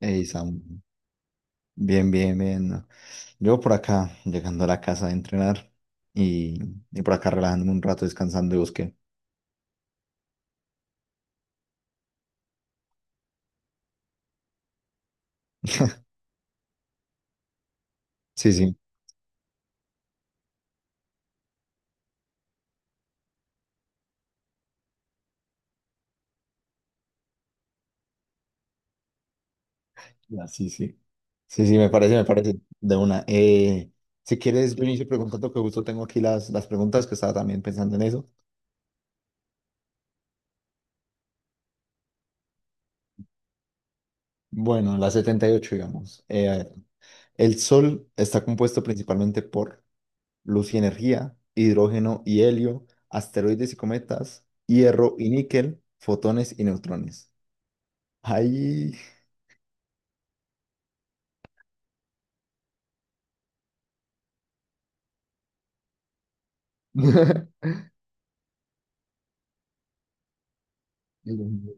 Ey, Sam, bien, bien, bien, ¿no? Yo por acá, llegando a la casa de entrenar y, y por acá relajándome un rato, descansando y busqué. Sí, sí. Ya, sí, sí. Sí, sí, me parece, me parece. De una. Si quieres, yo inicio preguntando que justo tengo aquí las preguntas que estaba también pensando en eso. Bueno, las 78, digamos. A ver, el Sol está compuesto principalmente por luz y energía, hidrógeno y helio, asteroides y cometas, hierro y níquel, fotones y neutrones. Ahí. El número,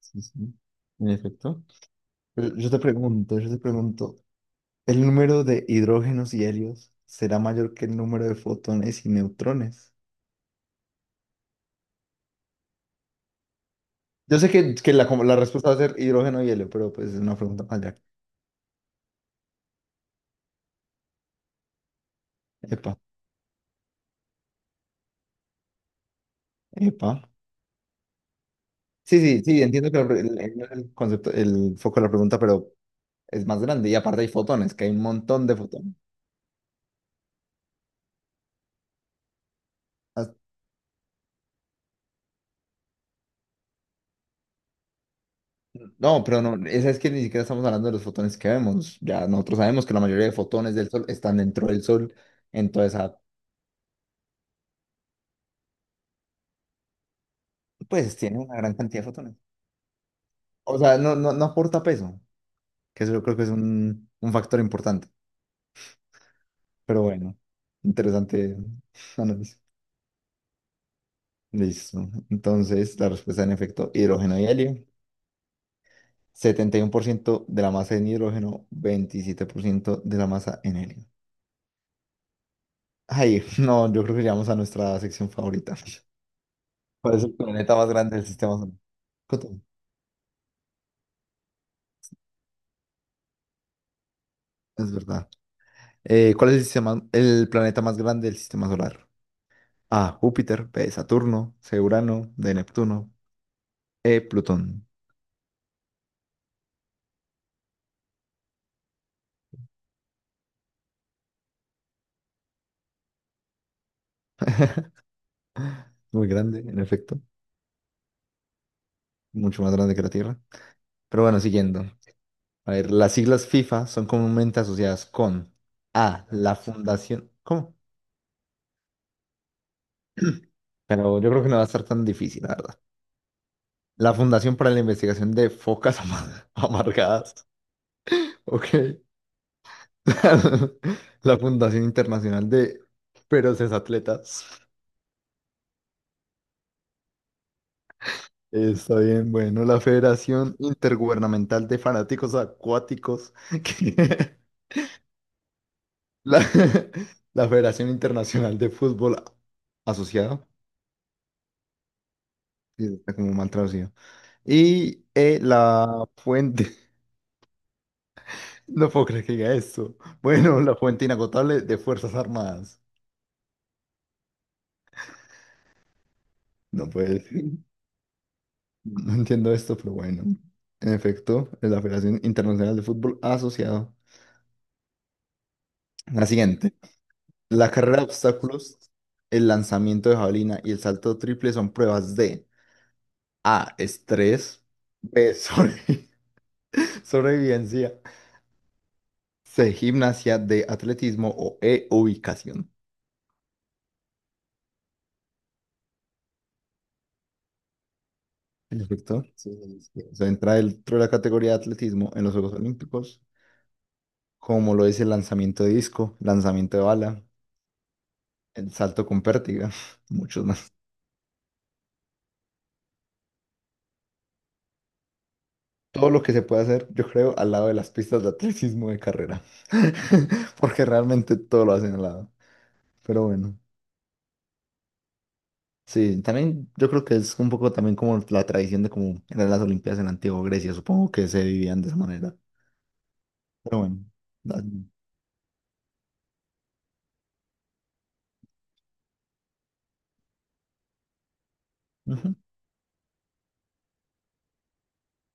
sí, sí, en efecto. Pero yo te pregunto, ¿el número de hidrógenos y helios será mayor que el número de fotones y neutrones? Yo sé que como la respuesta va a ser hidrógeno y helio, pero pues es una pregunta más allá. Epa, epa. Sí, sí, sí, entiendo que la pre- el concepto, el foco de la pregunta, pero es más grande. Y aparte hay fotones, que hay un montón de fotones. No, pero no, esa es que ni siquiera estamos hablando de los fotones que vemos. Ya nosotros sabemos que la mayoría de fotones del Sol están dentro del Sol, entonces pues tiene una gran cantidad de fotones. O sea, no, no, no aporta peso, que eso yo creo que es un factor importante. Pero bueno, interesante análisis. Listo. Entonces, la respuesta en efecto, hidrógeno y helio. 71% de la masa en hidrógeno, 27% de la masa en helio. Ay, no, yo creo que llegamos a nuestra sección favorita. ¿Cuál es el planeta más grande del sistema solar? Cotón, es verdad. ¿Cuál es el planeta más grande del sistema solar? A. Júpiter. B. Saturno. C. Urano. D. Neptuno. E. Plutón. Muy grande, en efecto. Mucho más grande que la Tierra. Pero bueno, siguiendo. A ver, las siglas FIFA son comúnmente asociadas con A. La Fundación. ¿Cómo? Pero yo creo que no va a estar tan difícil, la verdad. La Fundación para la Investigación de Focas Amargadas. Ok. La Fundación Internacional de Feroces Atletas. Está bien, bueno, la Federación Intergubernamental de Fanáticos Acuáticos. que- La, la Federación Internacional de Fútbol Asociado. Sí, está como mal traducido. Y la fuente. No puedo creer que diga esto. Bueno, la fuente inagotable de Fuerzas Armadas. No puede ser. No entiendo esto, pero bueno. En efecto, es la Federación Internacional de Fútbol Asociado. La siguiente. La carrera de obstáculos, el lanzamiento de jabalina y el salto triple son pruebas de A. Estrés. B. Sobrevivencia. C. Gimnasia. D. Atletismo. O E. Ubicación. Perfecto. Sí, sí, sí. O sea, entra dentro de la categoría de atletismo en los Juegos Olímpicos, como lo es el lanzamiento de disco, lanzamiento de bala, el salto con pértiga, muchos todo lo que se puede hacer, yo creo, al lado de las pistas de atletismo de carrera. Porque realmente todo lo hacen al lado. Pero bueno, sí, también yo creo que es un poco también como la tradición de cómo eran las Olimpiadas en la antigua Grecia. Supongo que se vivían de esa manera. Pero bueno. da- Ujú.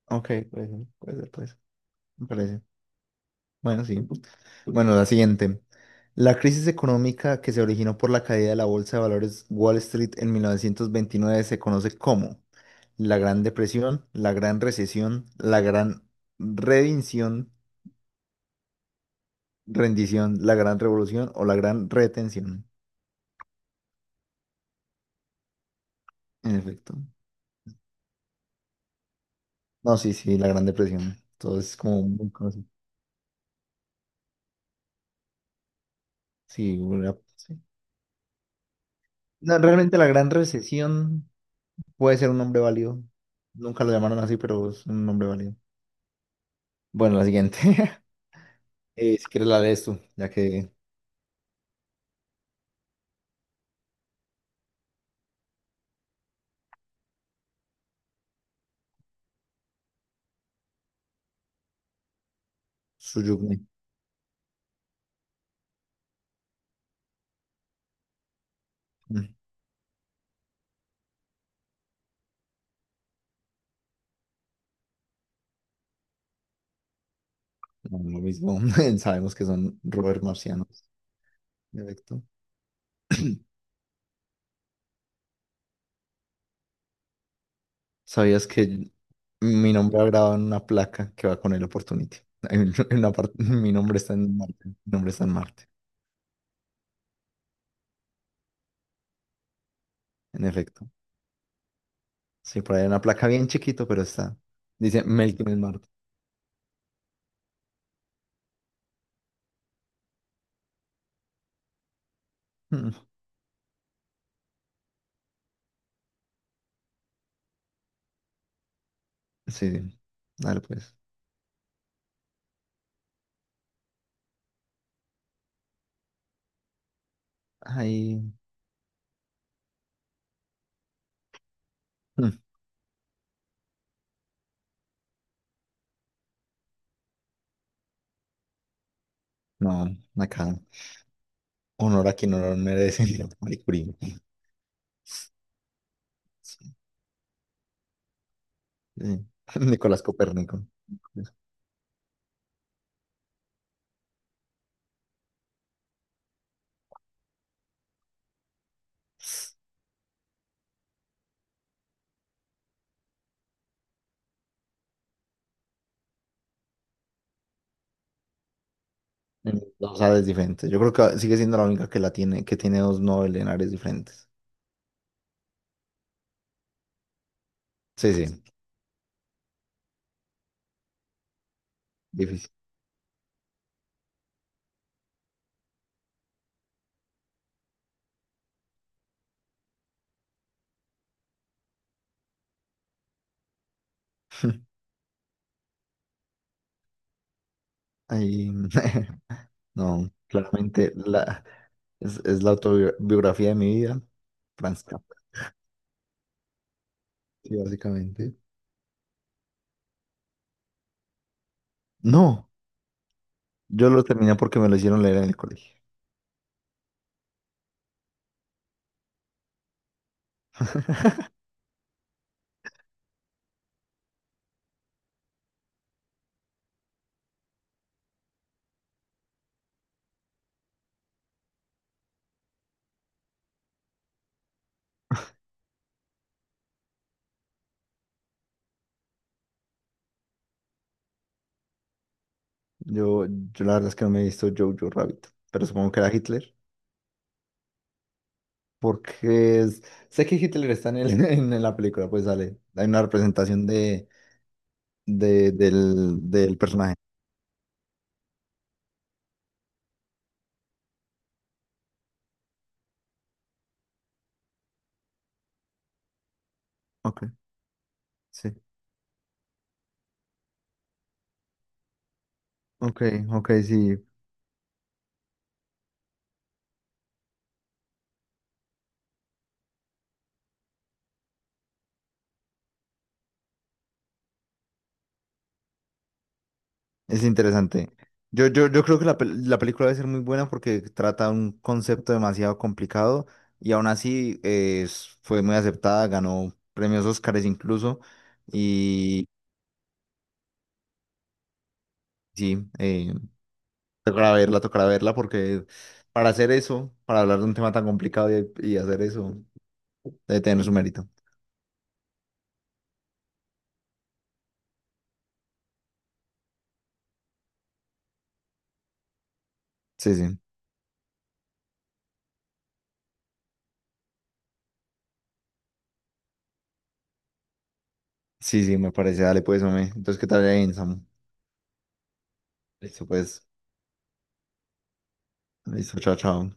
Ok, puede ser, puede ser, puede ser. Me parece. Bueno, sí. Bueno, la siguiente. La crisis económica que se originó por la caída de la bolsa de valores Wall Street en 1929 se conoce como la Gran Depresión, la Gran Recesión, la Gran Redinción, Rendición, la Gran Revolución o la Gran Retención. En efecto. No, sí, sí, la Gran Depresión. Todo es como muy conocido. Sí, sí. No, realmente la Gran Recesión puede ser un nombre válido. Nunca lo llamaron así, pero es un nombre válido. Bueno, la siguiente. Si quieres la lees tú, ya que Suyukne, mm, no, lo mismo, sabemos que son rovers marcianos. En efecto. ¿Sabías que mi nombre ha grabado en una placa que va con el Opportunity? En una parte, mi nombre está en Marte, mi nombre está en Marte, en efecto. Sí, por ahí hay una placa bien chiquito, pero está. Dice Melkin en Marte. Mm, sí, sí. Dale pues. Ahí, mm, no, acá. Honor a quien honor merece, Marie Curie. Sí, sí. Nicolás Copérnico. En dos Ares diferentes. Yo creo que sigue siendo la única que la tiene, que tiene dos Nobel en áreas diferentes. Sí, sí, difícil. Ahí, no, claramente es la autobiografía de mi vida, Franz Kafka, sí, básicamente. No, yo lo terminé porque me lo hicieron leer en el colegio. Yo la verdad es que no me he visto Jojo Rabbit, pero supongo que era Hitler, porque sé que Hitler está en la película, pues sale, hay una representación del personaje. Ok, sí. Ok, ok, sí. Es interesante. Yo creo que la película debe ser muy buena porque trata un concepto demasiado complicado y aún así fue muy aceptada, ganó premios Óscares incluso. Y sí, tocará verla porque para hacer eso, para hablar de un tema tan complicado y hacer eso, debe tener su mérito. Sí, sí. Sí, sí, me parece. Dale, pues, hombre. Entonces, ¿qué tal ahí, Samu? Listo, pues. Listo, chao, chao.